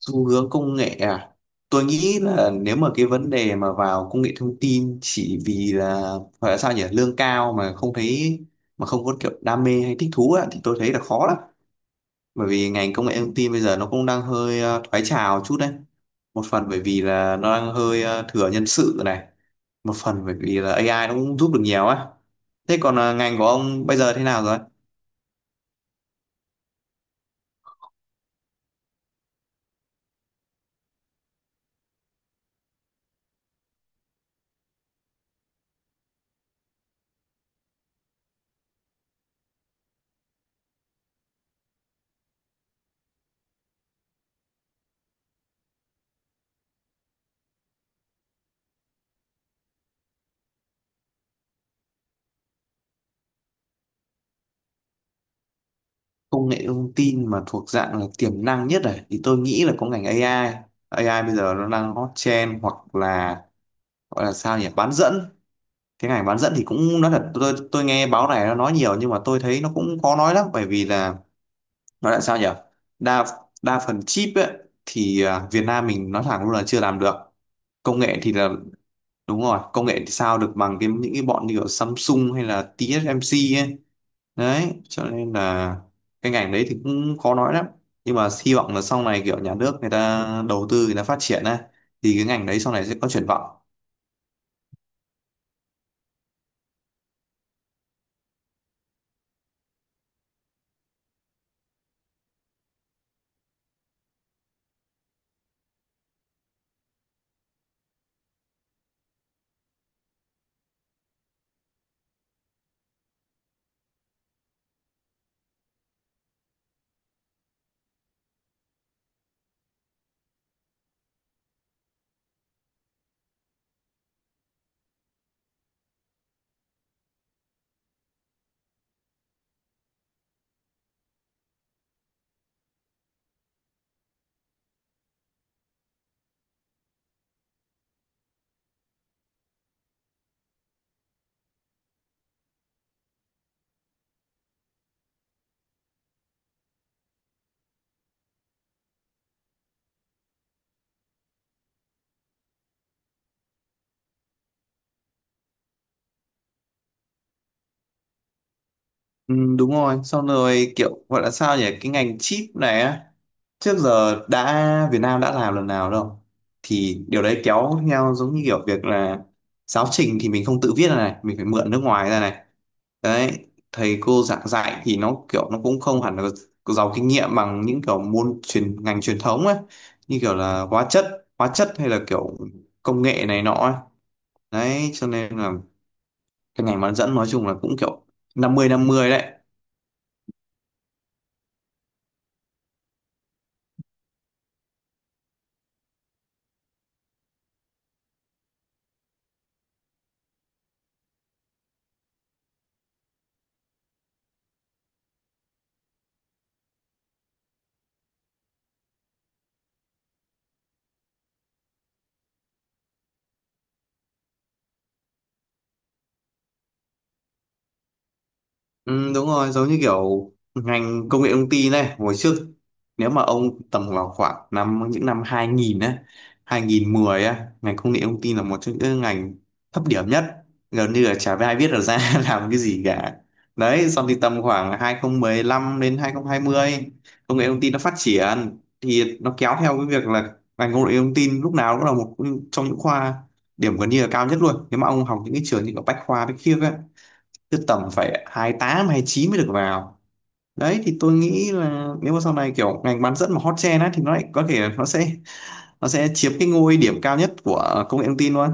Xu hướng công nghệ à? Tôi nghĩ là nếu mà cái vấn đề mà vào công nghệ thông tin chỉ vì là, gọi là sao nhỉ, lương cao mà không thấy, mà không có kiểu đam mê hay thích thú á, thì tôi thấy là khó lắm. Bởi vì ngành công nghệ thông tin bây giờ nó cũng đang hơi thoái trào chút đấy. Một phần bởi vì là nó đang hơi thừa nhân sự này, một phần bởi vì là AI nó cũng giúp được nhiều á. Thế còn ngành của ông bây giờ thế nào rồi? Công nghệ thông tin mà thuộc dạng là tiềm năng nhất này thì tôi nghĩ là có ngành AI. AI bây giờ nó đang hot trend, hoặc là, gọi là sao nhỉ, bán dẫn. Cái ngành bán dẫn thì cũng nói thật, tôi nghe báo này nó nói nhiều nhưng mà tôi thấy nó cũng khó nói lắm, bởi vì là, nói là sao nhỉ, đa đa phần chip ấy, thì Việt Nam mình nói thẳng luôn là chưa làm được công nghệ thì là, đúng rồi, công nghệ thì sao được bằng cái những cái bọn như kiểu Samsung hay là TSMC ấy. Đấy cho nên là cái ngành đấy thì cũng khó nói lắm, nhưng mà hy vọng là sau này kiểu nhà nước người ta đầu tư, người ta phát triển á, thì cái ngành đấy sau này sẽ có triển vọng. Ừ, đúng rồi, xong rồi kiểu gọi là sao nhỉ, cái ngành chip này á, trước giờ đã Việt Nam đã làm lần nào đâu. Thì điều đấy kéo theo giống như kiểu việc là giáo trình thì mình không tự viết ra này, mình phải mượn nước ngoài ra này. Đấy, thầy cô giảng dạy thì nó kiểu nó cũng không hẳn là giàu kinh nghiệm bằng những kiểu môn truyền ngành truyền thống ấy, như kiểu là hóa chất, hóa chất hay là kiểu công nghệ này nọ ấy. Đấy cho nên là cái ngành bán dẫn nói chung là cũng kiểu năm mươi đấy. Ừ, đúng rồi, giống như kiểu ngành công nghệ thông tin này, hồi trước nếu mà ông tầm vào khoảng những năm 2000 á, 2010 á, ngành công nghệ thông tin là một trong những ngành thấp điểm nhất, gần như là chả ai biết là ra làm cái gì cả. Đấy, xong thì tầm khoảng 2015 đến 2020, công nghệ thông tin nó phát triển thì nó kéo theo cái việc là ngành công nghệ thông tin lúc nào cũng là một trong những khoa điểm gần như là cao nhất luôn. Nếu mà ông học những cái trường như ở Bách Khoa, Bách Khiếp ấy cứ tầm phải 28, chín mới được vào. Đấy thì tôi nghĩ là nếu mà sau này kiểu ngành bán dẫn mà hot trend á thì nó lại có thể nó sẽ chiếm cái ngôi điểm cao nhất của công nghệ thông tin luôn.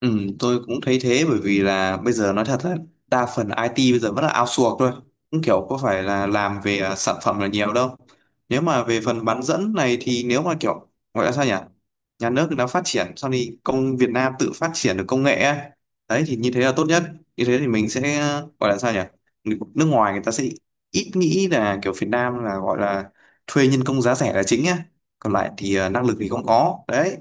Ừ, tôi cũng thấy thế bởi vì là bây giờ nói thật là đa phần IT bây giờ vẫn là outsource thôi, cũng kiểu có phải là làm về sản phẩm là nhiều đâu. Nếu mà về phần bán dẫn này thì nếu mà kiểu, gọi là sao nhỉ, nhà nước đã phát triển sau thì công Việt Nam tự phát triển được công nghệ ấy. Đấy thì như thế là tốt nhất, như thế thì mình sẽ gọi là sao nhỉ, nước ngoài người ta sẽ ít nghĩ là kiểu Việt Nam là gọi là thuê nhân công giá rẻ là chính á, còn lại thì năng lực thì không có đấy.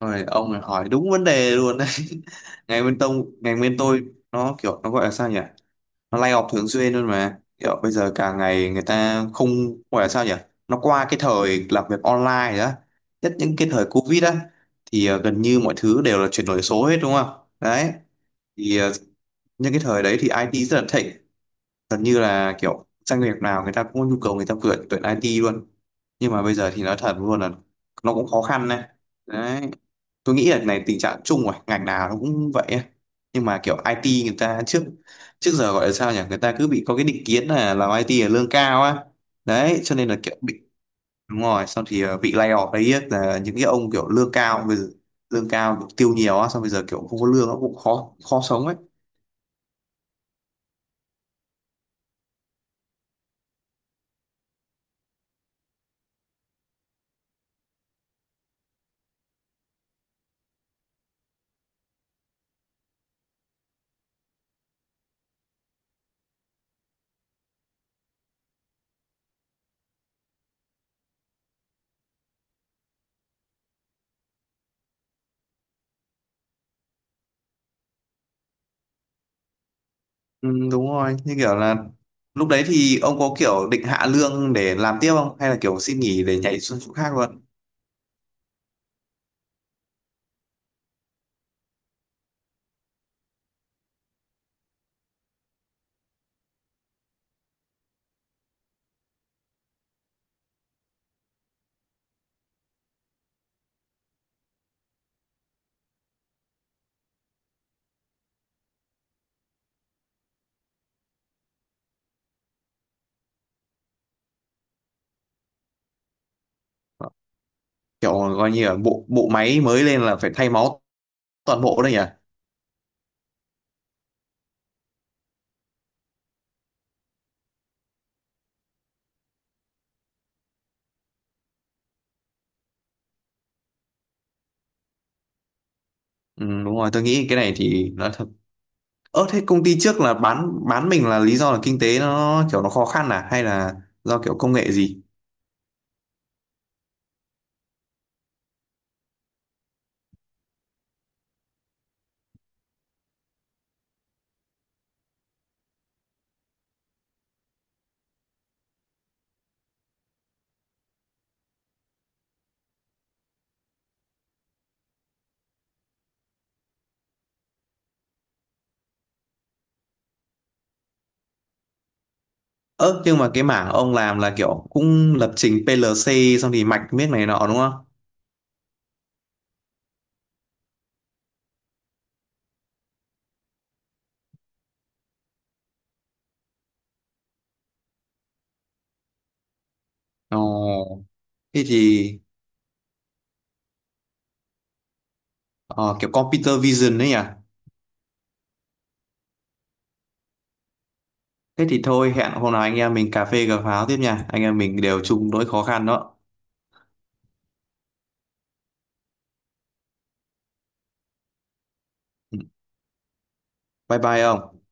Rồi ông này hỏi đúng vấn đề luôn đấy. Ngành bên tôi nó kiểu nó gọi là sao nhỉ? Nó lay off thường xuyên luôn mà. Kiểu bây giờ cả ngày người ta không gọi là sao nhỉ? Nó qua cái thời làm việc online rồi đó. Nhất những cái thời Covid á thì gần như mọi thứ đều là chuyển đổi số hết đúng không? Đấy. Thì những cái thời đấy thì IT rất là thịnh. Gần như là kiểu doanh nghiệp nào người ta cũng có nhu cầu người ta tuyển tuyển IT luôn. Nhưng mà bây giờ thì nói thật luôn là nó cũng khó khăn này. Đấy, tôi nghĩ là này tình trạng chung rồi, ngành nào nó cũng vậy ấy. Nhưng mà kiểu IT người ta trước trước giờ gọi là sao nhỉ, người ta cứ bị có cái định kiến là làm IT là lương cao á, đấy cho nên là kiểu bị đúng rồi xong thì bị lay off đấy ấy, là những cái ông kiểu lương cao, bây giờ lương cao kiểu tiêu nhiều á, xong bây giờ kiểu không có lương nó cũng khó khó sống ấy. Ừ, đúng rồi như kiểu là lúc đấy thì ông có kiểu định hạ lương để làm tiếp không hay là kiểu xin nghỉ để nhảy xuống chỗ khác luôn? Kiểu coi như là bộ bộ máy mới lên là phải thay máu toàn bộ đấy nhỉ? Ừ, đúng rồi tôi nghĩ cái này thì nói thật. Ơ thế công ty trước là bán mình là lý do là kinh tế nó kiểu nó khó khăn à hay là do kiểu công nghệ gì? Ơ nhưng mà cái mảng ông làm là kiểu cũng lập trình PLC xong thì mạch miếc này nọ đúng không? Ồ, thế thì ờ, kiểu computer vision đấy nhỉ. Thế thì thôi, hẹn hôm nào anh em mình cà phê cà pháo tiếp nha, anh em mình đều chung nỗi khó khăn đó. Ừ, bye bye ông.